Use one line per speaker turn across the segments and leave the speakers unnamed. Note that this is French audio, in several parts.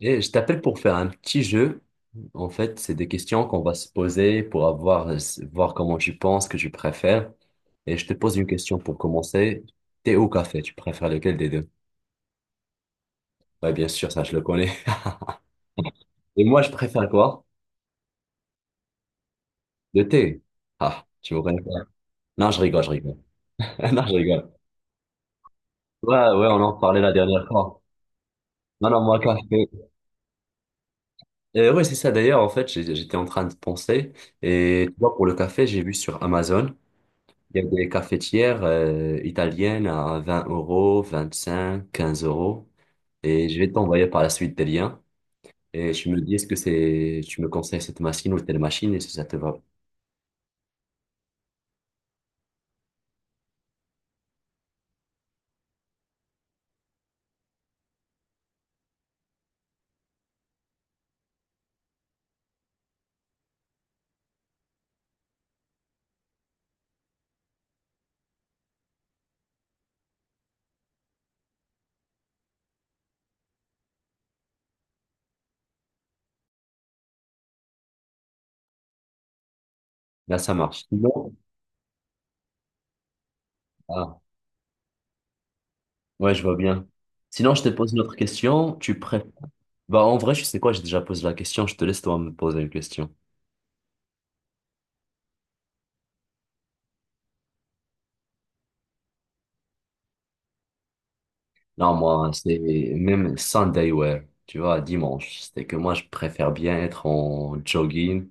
Et je t'appelle pour faire un petit jeu. En fait, c'est des questions qu'on va se poser pour voir comment tu penses, que tu préfères. Et je te pose une question pour commencer. Thé ou café, tu préfères lequel des deux? Ouais, bien sûr, ça, je le connais. Et moi, je préfère quoi? Le thé. Ah, tu me connais pas. Non, je rigole, je rigole. Non, je rigole. Ouais, ouais, on en parlait la dernière fois. Non, non, moi, café. Ouais, c'est ça. D'ailleurs, en fait, j'étais en train de penser. Et tu vois, pour le café, j'ai vu sur Amazon. Il y a des cafetières italiennes à 20 euros, 25, 15 euros. Et je vais t'envoyer par la suite des liens. Et tu me dis est-ce que tu me conseilles cette machine ou telle machine et si ça te va. Là, ça marche. Sinon, ah, ouais, je vois bien. Sinon, je te pose une autre question. Tu préfères. Bah, en vrai, je sais quoi, j'ai déjà posé la question. Je te laisse toi me poser une question. Non, moi, c'est même Sunday wear. Tu vois, dimanche. C'est que moi, je préfère bien être en jogging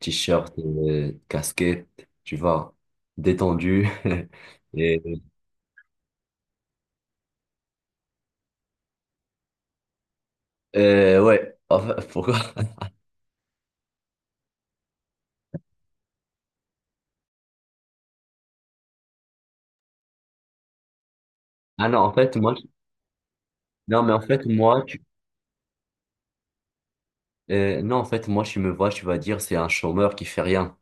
t-shirt, casquette, tu vois, détendu. Et, ouais, en fait, pourquoi? Ah non, en fait, moi, non, mais en fait, moi, non, en fait, moi, tu me vois, tu vas dire, c'est un chômeur qui fait rien.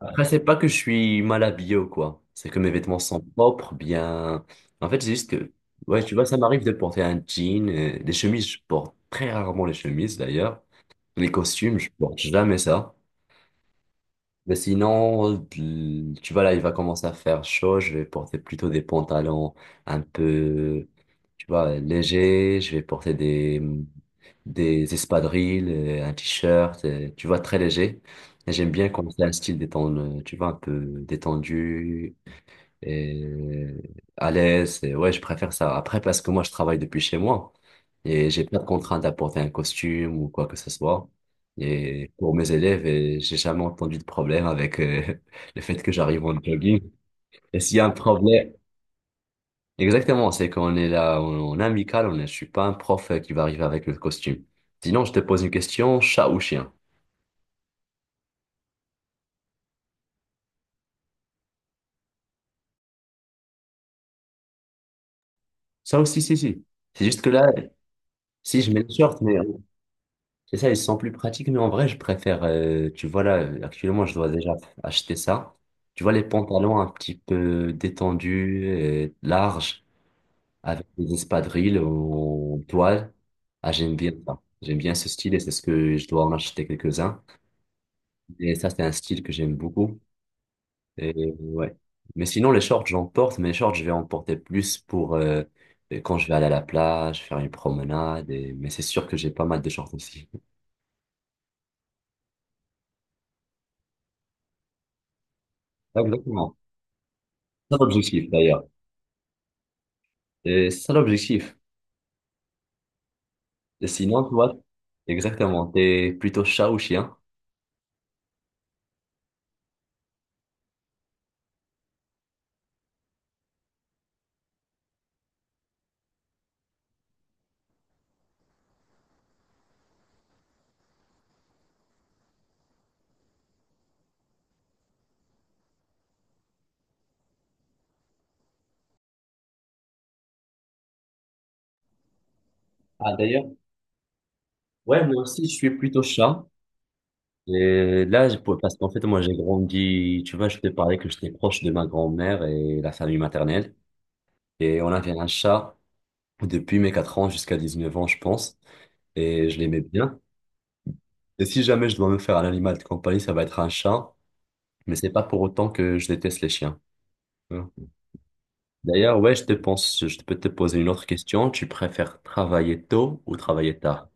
Après, c'est pas que je suis mal habillé ou quoi. C'est que mes vêtements sont propres, bien. En fait, c'est juste que, ouais, tu vois, ça m'arrive de porter un jean, des chemises, je porte très rarement les chemises d'ailleurs. Les costumes, je porte jamais ça. Mais sinon, tu vois, là, il va commencer à faire chaud. Je vais porter plutôt des pantalons un peu, tu vois, légers. Je vais porter des espadrilles, un t-shirt, tu vois, très léger. Et j'aime bien quand c'est un style détendu, tu vois, un peu détendu et à l'aise. Et ouais, je préfère ça. Après, parce que moi, je travaille depuis chez moi et j'ai pas de contrainte d'apporter un costume ou quoi que ce soit. Et pour mes élèves, et j'ai jamais entendu de problème avec le fait que j'arrive en jogging. Et s'il y a un problème, exactement, c'est qu'on est là on est amical, je suis pas un prof qui va arriver avec le costume. Sinon, je te pose une question, chat ou chien? Ça aussi, si, si. C'est juste que là, si je mets le short, mais C'est ça, ils sont plus pratiques, mais en vrai, je préfère, tu vois là, actuellement, je dois déjà acheter ça. Tu vois, les pantalons un petit peu détendus, larges, avec des espadrilles en toile. Ah, j'aime bien ça. J'aime bien ce style et c'est ce que je dois en acheter quelques-uns. Et ça, c'est un style que j'aime beaucoup. Et ouais. Mais sinon, les shorts, j'en porte, mais les shorts, je vais en porter plus pour quand je vais aller à la plage, faire une promenade. Mais c'est sûr que j'ai pas mal de shorts aussi. Exactement. C'est l'objectif d'ailleurs. Et c'est ça l'objectif. Et sinon, toi, exactement, t'es plutôt chat ou chien? Ah, d'ailleurs, ouais, moi aussi, je suis plutôt chat. Et là, parce qu'en fait, moi, j'ai grandi, tu vois, je t'ai parlé que j'étais proche de ma grand-mère et la famille maternelle. Et on avait un chat depuis mes 4 ans jusqu'à 19 ans, je pense. Et je l'aimais bien. Et si jamais je dois me faire un animal de compagnie, ça va être un chat. Mais c'est pas pour autant que je déteste les chiens. D'ailleurs, ouais, je te pense, je peux te poser une autre question. Tu préfères travailler tôt ou travailler tard?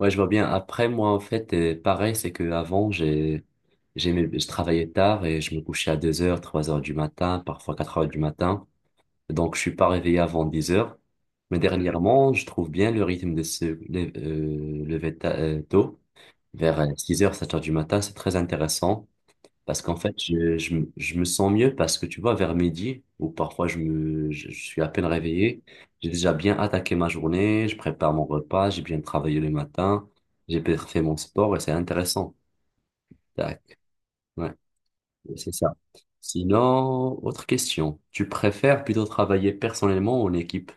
Ouais, je vois bien. Après, moi, en fait, pareil, c'est que avant, j'aimais, je travaillais tard et je me couchais à 2 heures, 3 heures du matin, parfois 4 heures du matin. Donc, je suis pas réveillé avant 10 heures. Mais dernièrement, je trouve bien le rythme de se lever tôt, vers 6 heures, 7 heures du matin. C'est très intéressant. Parce qu'en fait, je me sens mieux parce que tu vois, vers midi, ou parfois je suis à peine réveillé, j'ai déjà bien attaqué ma journée, je prépare mon repas, j'ai bien travaillé le matin, j'ai bien fait mon sport et c'est intéressant. Tac. Ouais, c'est ça. Sinon, autre question. Tu préfères plutôt travailler personnellement ou en équipe?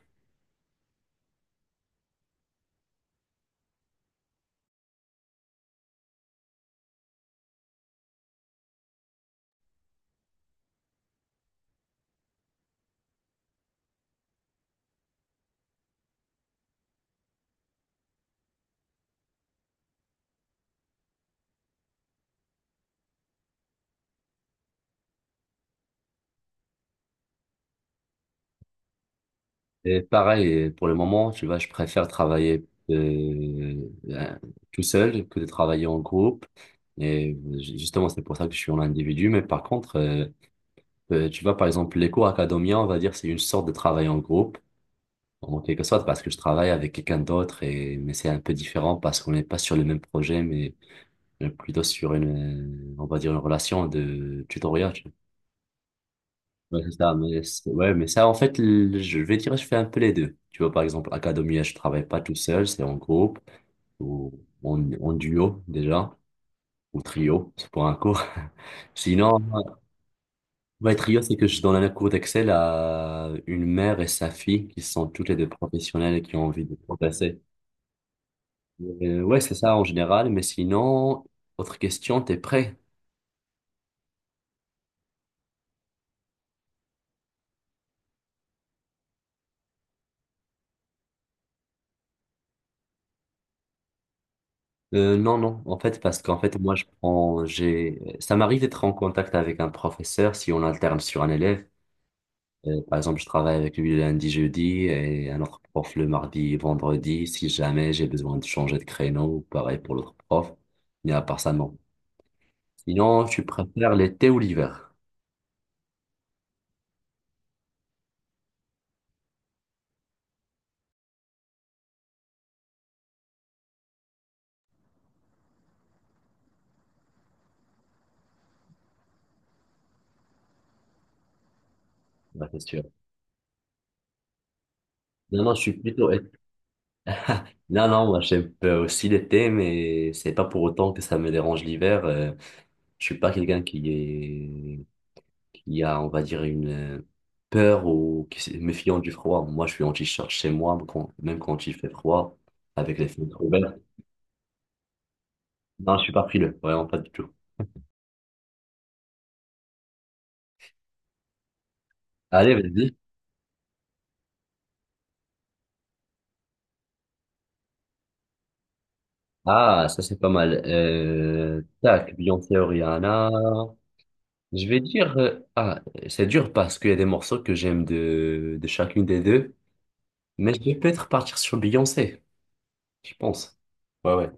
Et pareil, pour le moment, tu vois, je préfère travailler euh, tout seul que de travailler en groupe. Et justement, c'est pour ça que je suis en individu. Mais par contre, tu vois, par exemple, les cours académiens, on va dire, c'est une sorte de travail en groupe, en quelque sorte, parce que je travaille avec quelqu'un d'autre. Et mais c'est un peu différent parce qu'on n'est pas sur le même projet, mais plutôt sur on va dire, une relation de tutoriel. Ouais, c'est ça, mais, ouais, mais ça, en fait, je vais dire, je fais un peu les deux. Tu vois, par exemple, Academia, je travaille pas tout seul, c'est en groupe, ou en duo, déjà, ou trio, c'est pour un cours. Sinon, ouais, trio, c'est que je donne un cours d'Excel à une mère et sa fille, qui sont toutes les deux professionnelles et qui ont envie de progresser. Ouais, c'est ça, en général, mais sinon, autre question, t'es prêt? Non, non, en fait, parce qu'en fait, moi, ça m'arrive d'être en contact avec un professeur si on alterne sur un élève. Par exemple, je travaille avec lui le lundi, jeudi et un autre prof le mardi, vendredi, si jamais j'ai besoin de changer de créneau, ou pareil pour l'autre prof. Mais à part ça, non. Sinon, tu préfères l'été ou l'hiver? Ouais, c'est sûr. Non, non, je suis plutôt été. Non, non, moi, j'aime aussi l'été, mais c'est pas pour autant que ça me dérange l'hiver. Je suis pas quelqu'un qui est Il y a, on va dire, une peur ou qui se méfiant du froid. Moi, je suis en t-shirt chez moi, même quand il fait froid, avec les fenêtres ouvertes. Non, je suis pas frileux, vraiment pas du tout. Allez, vas-y. Ah, ça, c'est pas mal. Tac, Beyoncé, Rihanna. Je vais dire, ah, c'est dur parce qu'il y a des morceaux que j'aime de chacune des deux, mais je vais peut-être partir sur Beyoncé, je pense. Ouais, ouais.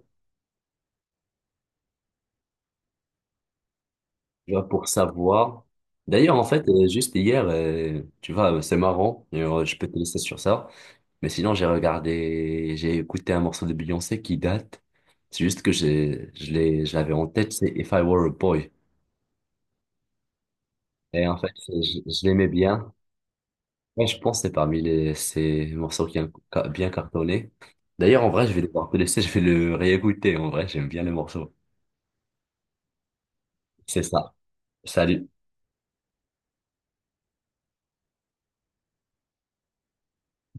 Tu vois, pour savoir. D'ailleurs, en fait, juste hier, tu vois, c'est marrant, et, je peux te laisser sur ça, mais sinon, j'ai écouté un morceau de Beyoncé qui date, c'est juste que je l'avais en tête, c'est If I Were a Boy. Et en fait, je l'aimais bien. Ouais, je pense que c'est parmi ces morceaux qui ont bien cartonné. D'ailleurs, en vrai, je vais devoir te laisser, je vais le réécouter, en vrai, j'aime bien les morceaux C'est ça. Salut.